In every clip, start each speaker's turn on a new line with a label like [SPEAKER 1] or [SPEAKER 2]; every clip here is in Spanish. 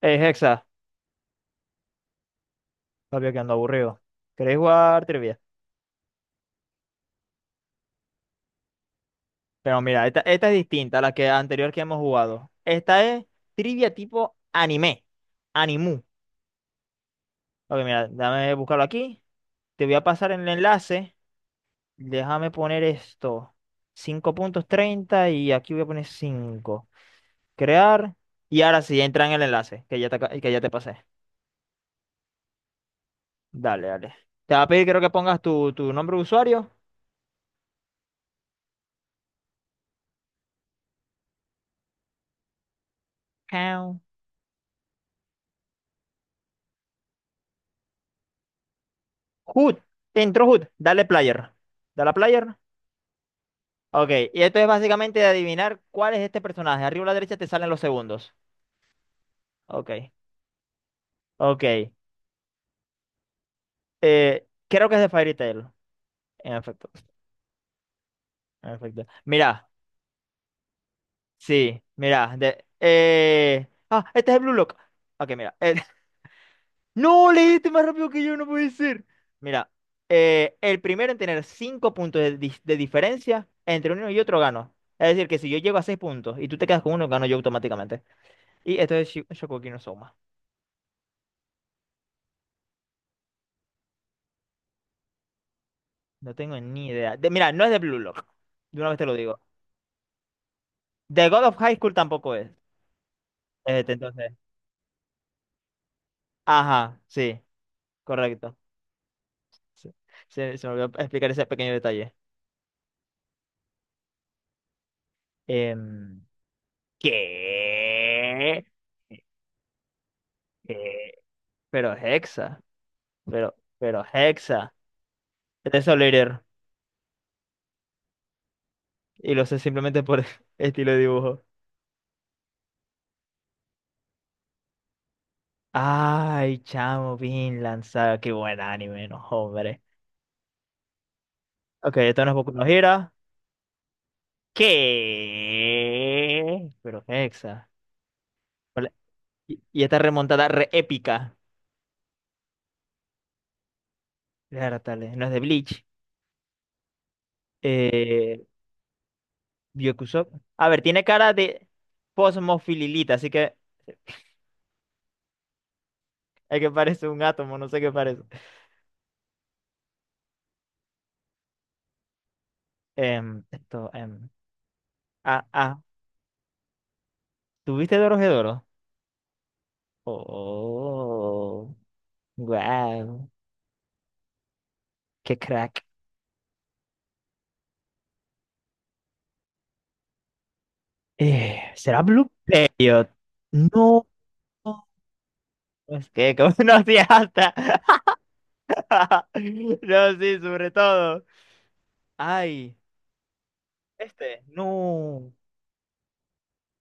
[SPEAKER 1] Es Hexa, papi, que ando aburrido. ¿Queréis jugar trivia? Pero mira, esta es distinta a la que anterior que hemos jugado. Esta es trivia tipo anime, animu. Ok, mira, dame buscarlo aquí. Te voy a pasar el enlace. Déjame poner esto. 5:30 y aquí voy a poner 5. Crear. Y ahora sí, entra en el enlace que ya te pasé. Dale, dale. Te va a pedir, creo que pongas tu nombre de usuario. Count. Hood. Te entró Hood. Dale player. Dale a player. Ok, y esto es básicamente de adivinar cuál es este personaje. Arriba a la derecha te salen los segundos. Ok, ok. Creo que es de Fairy Tail. En efecto, en efecto. Mira, sí, mira. Ah, este es el Blue Lock. Ok, mira. No, leíste más rápido que yo, no puede ser. Mira, el primero en tener cinco puntos de diferencia entre uno y otro gano. Es decir, que si yo llego a seis puntos y tú te quedas con uno, gano yo automáticamente. Y esto es Shokugeki no Soma. No tengo ni idea. Mira, no es de Blue Lock. De una vez te lo digo. The God of High School tampoco es. Este, entonces. Ajá, sí, correcto. Sí, se me olvidó explicar ese pequeño detalle. Em, ¿Qué? ¿Qué? Pero Hexa. Pero Hexa. Es Solider. Y lo sé simplemente por estilo de dibujo. Ay, chamo, Vinland Saga. Qué buen anime, no, hombre. Ok, esto no es Boku no Hero. ¿Qué? Pero Hexa. Hola. Y esta remontada re épica. Dártale, no es de Bleach. Eh, Byakusou. A ver, tiene cara de posmofililita, así que hay que parece un átomo, no sé qué parece. Esto, ah, ah. ¿Tuviste Dorohedoro? Oh, wow. Qué crack. ¿Será Blue Period? No. No, no, es que, como no hacía alta. No, sí, sobre todo. Ay, este. No,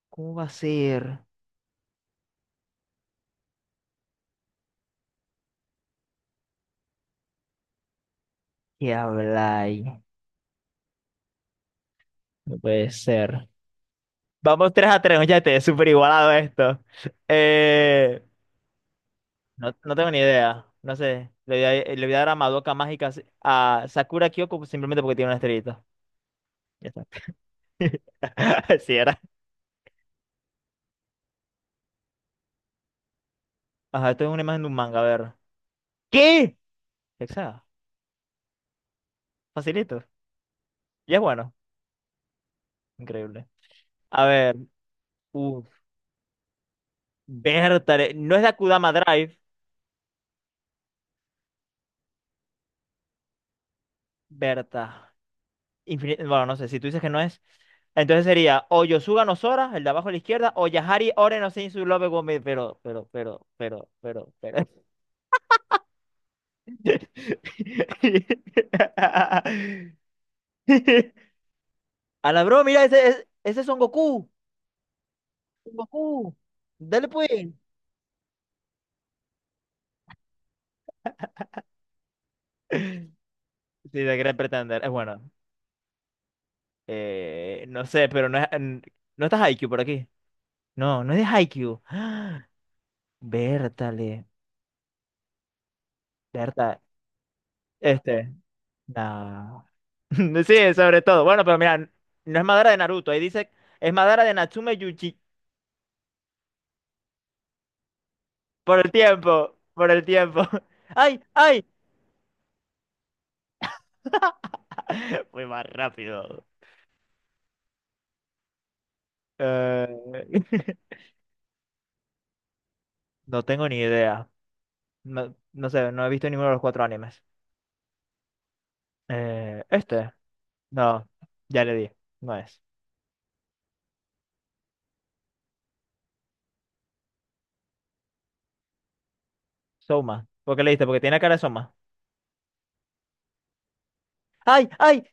[SPEAKER 1] ¿cómo va a ser? ¿Qué habláis? No puede ser. Vamos 3-3 ya te súper igualado esto. Eh, no, no tengo ni idea, no sé. Le voy a dar a Madoka Mágica si, a Sakura Kyoko simplemente porque tiene una estrellita. Ya está. Así era. Ajá, esto es una imagen de un manga, a ver. ¿Qué? Exacto. Facilito. Y es bueno. Increíble. A ver. Uh, Berta, no es de Akudama Drive, Berta. Bueno, no sé, si tú dices que no es. Entonces sería o Yosuga no Sora, el de abajo a la izquierda, o Yahari Ore no Seizu Love Gomez, pero. A la bro, mira, ese es Son Goku. Son Goku. Dale pues. Sí, de Gran Pretender. Es bueno. No sé, pero no es. No está Haikyuu por aquí. No, no es de Haikyuu. Bertale. Berta, este, no. Sí, sobre todo. Bueno, pero mira, no es Madara de Naruto. Ahí dice, es Madara de Natsume Yuji. Por el tiempo, por el tiempo. ¡Ay, ay! Fui más rápido. Eh, no tengo ni idea. No, no sé, no he visto ninguno de los cuatro animes. Este, no, ya le di. No es. Soma. ¿Por qué le diste? Porque tiene cara de Soma. ¡Ay, ay!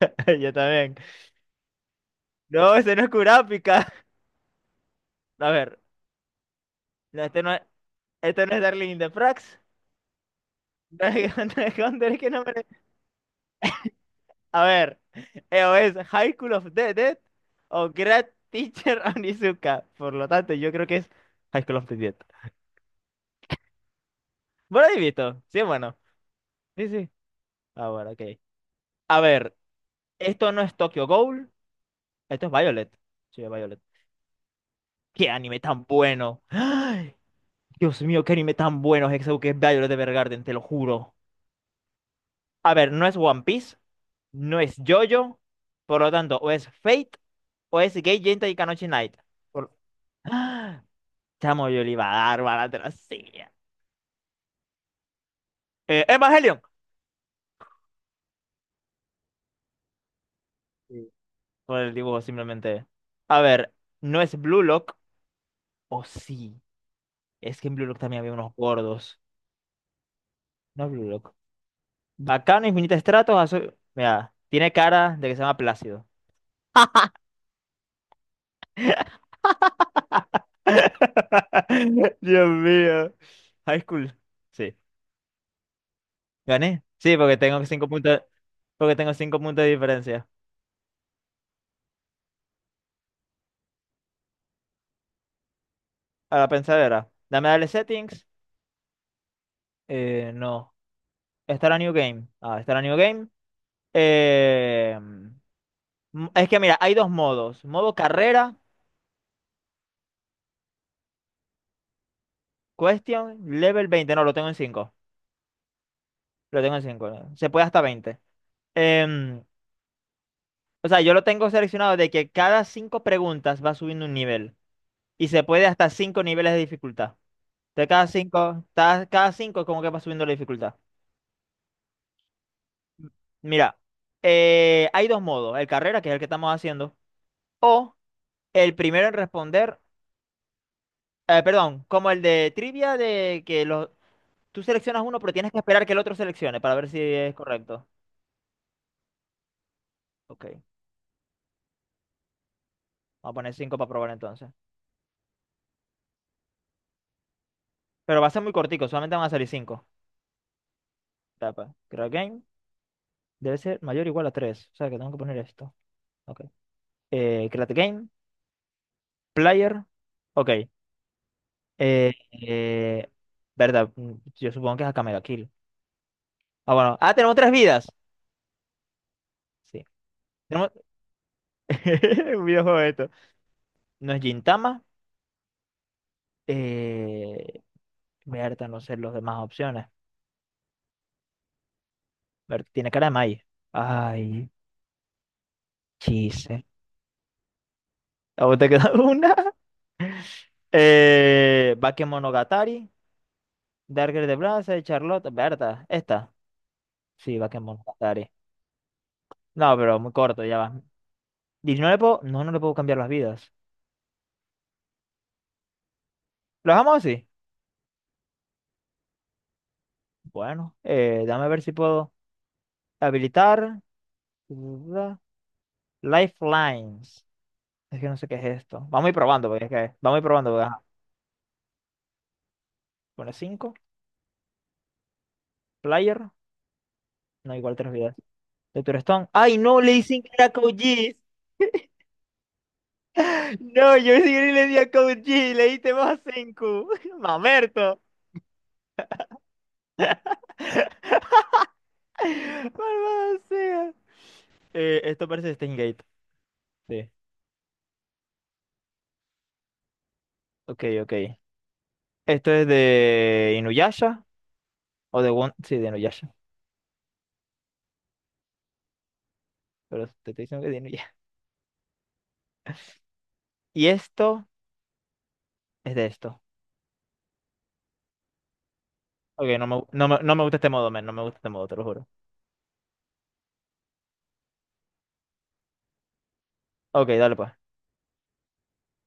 [SPEAKER 1] Yo también. No, ese no es Kurapika. A ver, no, este no es Darling in the Franxx. Dragon Dragon Ball, es que no me... A ver, o es High School of the Dead o Great Teacher Onizuka. Por lo tanto, yo creo que es High School of the Dead. Bueno, ahí visto. Sí, bueno. Sí, sí. Ah, bueno, ok. A ver, esto no es Tokyo Ghoul, esto es Violet. Sí, es Violet. ¡Qué anime tan bueno! ¡Ay! Dios mío, qué anime tan bueno es ese que es Violet Evergarden, te lo juro. A ver, no es One Piece, no es JoJo, por lo tanto, o es Fate o es Gate Genta y Kanochi Knight. ¡Ah! Chamo, yo le iba a dar bala, te lo hacía. Evangelion. Sí. Por el dibujo, simplemente. A ver, ¿no es Blue Lock? O sí. Es que en Blue Lock también había unos gordos. No es Blue Lock. Bacano, infinito estratos, azul. Mira, tiene cara de que se llama Plácido. Dios mío. High school. Sí. ¿Gané? Sí, porque tengo cinco puntos, porque tengo cinco puntos de diferencia. A la pensadera. Dame dale settings. No. Estará New Game. Ah, estará New Game. Eh, es que mira, hay dos modos. Modo carrera, question, level 20. No, lo tengo en cinco. Lo tengo en cinco. Se puede hasta 20. Em, o sea, yo lo tengo seleccionado de que cada 5 preguntas va subiendo un nivel. Y se puede hasta 5 niveles de dificultad. De cada 5, cada cinco es como que va subiendo la dificultad. Mira, hay dos modos. El carrera, que es el que estamos haciendo, o el primero en responder, perdón, como el de trivia de que los, tú seleccionas uno, pero tienes que esperar que el otro seleccione para ver si es correcto. Ok. Vamos a poner cinco para probar entonces. Pero va a ser muy cortico, solamente van a salir 5. Tapa. Create game. Debe ser mayor o igual a 3. O sea que tengo que poner esto. Ok. Create game. Player. Ok. Eh, eh, Verdad. Yo supongo que es acá Mega Kill. Ah, bueno. Ah, tenemos tres vidas. Sí. Tenemos un videojuego de esto. No es Gintama. Eh, Verdad, no sé las demás opciones. Ver, tiene cara de Mai. Ay, Chise. ¿A vos te queda una? Bakemonogatari, Darker de Blaze, Charlotte, Berta, esta. Sí, Bakemonogatari. No, pero muy corto, ya va. Y no le puedo cambiar las vidas. ¿Lo dejamos así? Bueno, dame a ver si puedo habilitar. da- Lifelines. Es que no sé qué es esto. Vamos a ir probando, porque es que vamos a ir probando. Porque, ajá. Pone 5. Player. No, igual tres vidas. Doctor Stone. ¡Ay, no! Le dicen que era Code Geass. No, yo sí le di a Code G, le diste más a Senku. Mamerto. Malvado sea. Esto parece Steingate. Sí. Ok, ok. Esto es de Inuyasha o de One. Sí, de Inuyasha. Pero te estoy diciendo que es de Inuyasha. Y esto es de esto. Ok, no me gusta este modo, men. No me gusta este modo, te lo juro. Ok, dale pues.